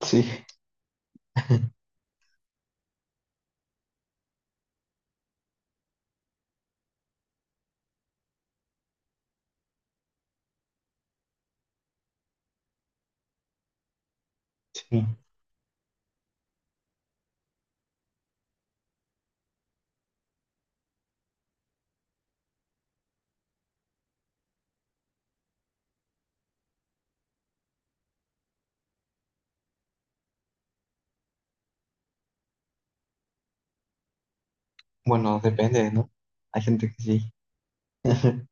Sí, sí. Bueno, depende, ¿no? Hay gente que sí.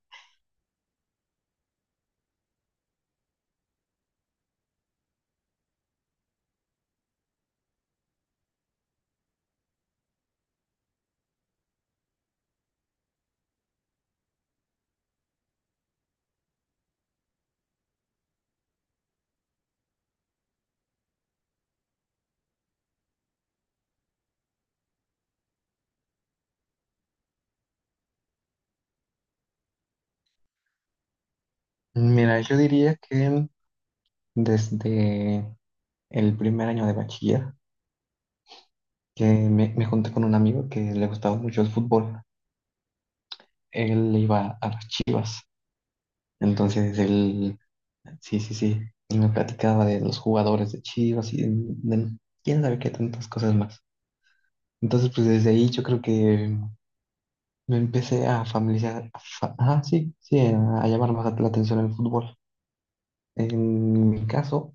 Mira, yo diría que desde el primer año de bachiller, que me junté con un amigo que le gustaba mucho el fútbol. Él le iba a las Chivas. Entonces sí, sí, sí. Y me platicaba de los jugadores de Chivas y de quién sabe qué tantas cosas más. Entonces, pues desde ahí yo creo que me empecé a familiarizar, ajá, sí, sí, a llamar más la atención el fútbol. En mi caso,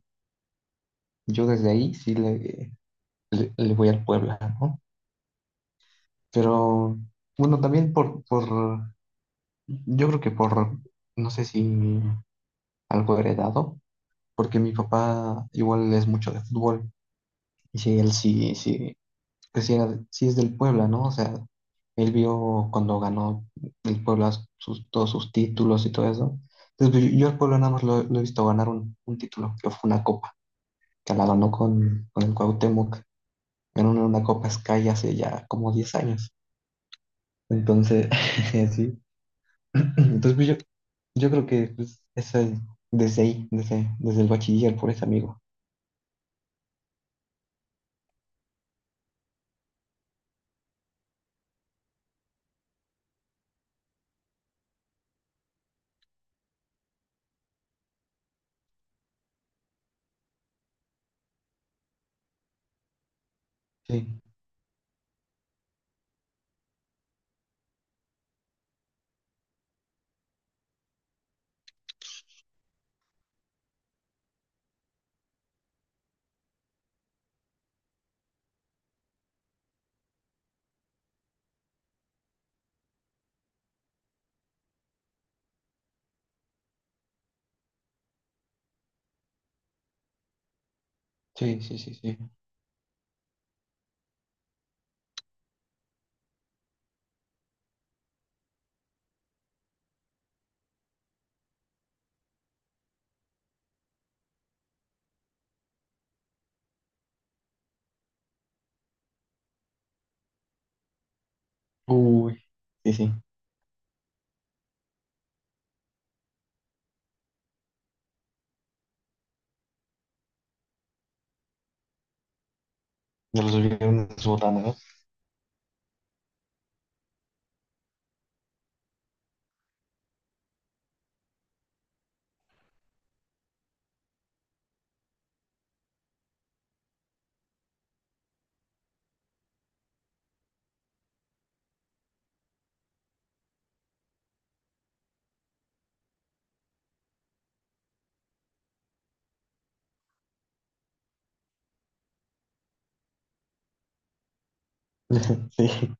yo desde ahí sí le voy al Puebla, ¿no? Pero bueno, también yo creo que no sé si algo heredado, porque mi papá igual es mucho de fútbol, y sí, pues sí, sí es del Puebla, ¿no? O sea, él vio cuando ganó el Puebla todos sus títulos y todo eso. Entonces, pues, yo al Puebla nada más lo he visto ganar un título, que fue una copa, que la ganó con el Cuauhtémoc. Ganaron una Copa Sky hace ya como 10 años. Entonces, sí. Entonces, pues, yo creo que pues, desde ahí, desde el bachiller, por ese amigo. Sí, sí, sí, sí, sí. Uy, sí, sí. Ya los olvidaron de su botana, ¿no? Sí.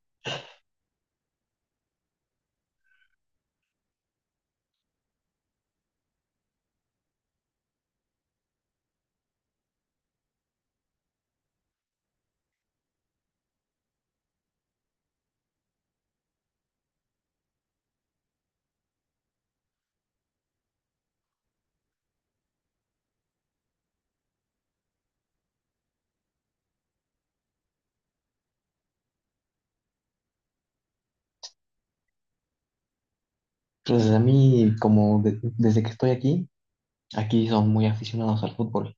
Pues a mí, desde que estoy aquí, aquí son muy aficionados al fútbol.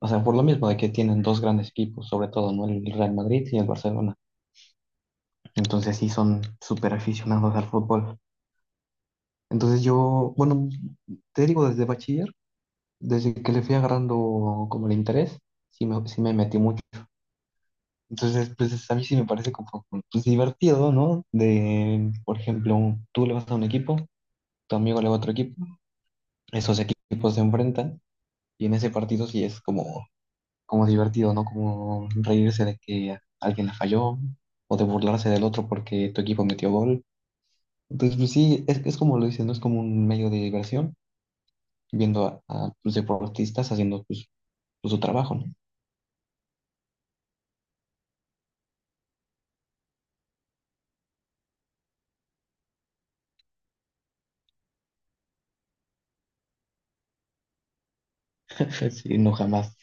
O sea, por lo mismo de que tienen dos grandes equipos, sobre todo, ¿no? El Real Madrid y el Barcelona. Entonces sí son súper aficionados al fútbol. Entonces yo, bueno, te digo, desde bachiller, desde que le fui agarrando como el interés, sí me metí mucho. Entonces, pues a mí sí me parece como pues, divertido, ¿no? De, por ejemplo, tú le vas a un equipo, tu amigo le va a otro equipo, esos equipos se enfrentan y en ese partido sí es como, como divertido, ¿no? Como reírse de que alguien la falló o de burlarse del otro porque tu equipo metió gol. Entonces, pues sí, es como lo dicen, ¿no? Es como un medio de diversión viendo a los deportistas haciendo pues, su trabajo, ¿no? Sí, no jamás.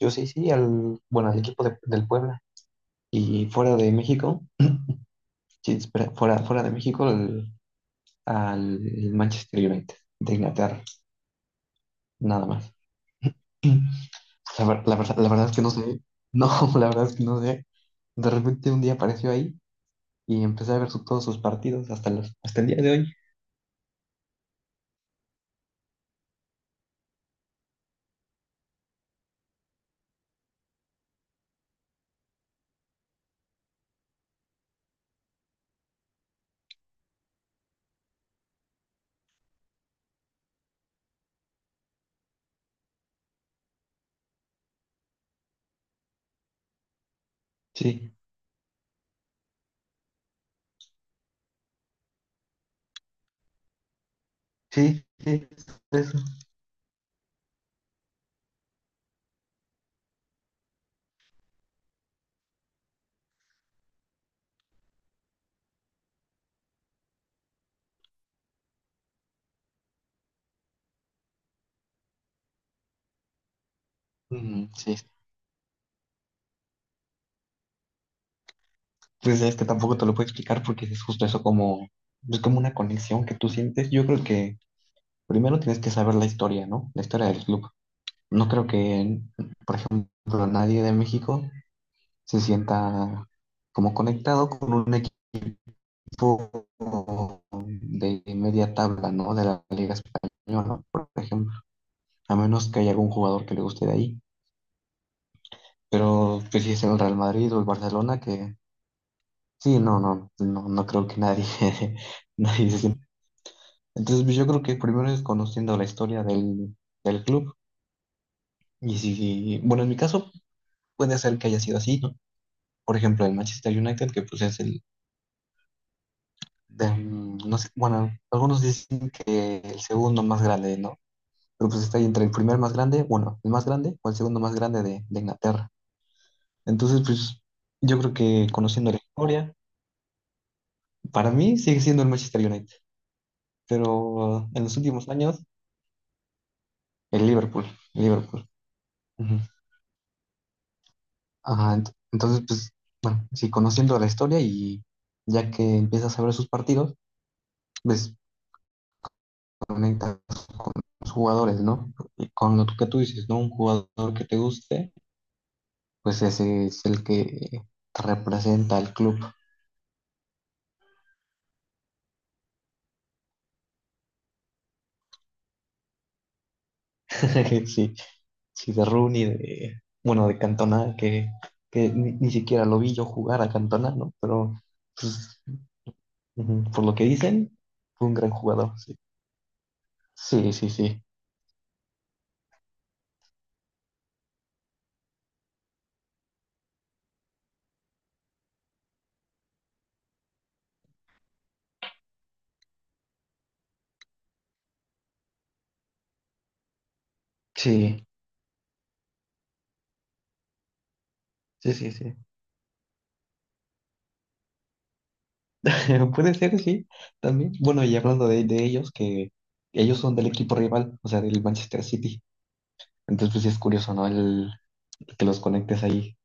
Yo sí, sí, bueno, al equipo del Puebla. Y fuera de México, sí, espera, fuera de México, al Manchester United de Inglaterra, nada más. La verdad es que no sé, no, la verdad es que no sé. De repente un día apareció ahí y empecé a ver todos sus partidos hasta el día de hoy. Sí, sí, sí, es eso. Mm, sí, pues es que tampoco te lo puedo explicar porque es justo eso como, es como una conexión que tú sientes. Yo creo que primero tienes que saber la historia, ¿no? La historia del club. No creo que, por ejemplo, nadie de México se sienta como conectado con un equipo de media tabla, ¿no? De la Liga Española, por ejemplo. A menos que haya algún jugador que le guste de ahí. Pero pues si es el Real Madrid o el Barcelona, que sí, no, no, no, no creo que nadie, nadie se sienta. Entonces, pues, yo creo que primero es conociendo la historia del club. Y si, bueno, en mi caso puede ser que haya sido así, ¿no? Por ejemplo, el Manchester United, que pues mm, no sé, bueno, algunos dicen que el segundo más grande, ¿no? Pero pues está ahí entre el primer más grande, bueno, el más grande o el segundo más grande de Inglaterra. Entonces, pues yo creo que conociendo la historia, para mí sigue siendo el Manchester United, pero en los últimos años, el Liverpool, Liverpool. Ajá, entonces, pues, bueno, sí, conociendo la historia y ya que empiezas a ver sus partidos, pues conectas con los jugadores, ¿no? Y con lo que tú dices, ¿no? Un jugador que te guste, pues ese es el que te representa al club. Sí, sí, de Rooney, de, bueno, de Cantona, que ni siquiera lo vi yo jugar a Cantona, ¿no? Pero, pues, ujú, por lo que dicen, fue un gran jugador, sí. Sí, sí, sí. Sí, sí, sí, sí. Puede ser, sí, también. Bueno, y hablando de ellos, que ellos son del equipo rival, o sea, del Manchester City. Entonces, pues sí es curioso, ¿no? El, que los conectes ahí.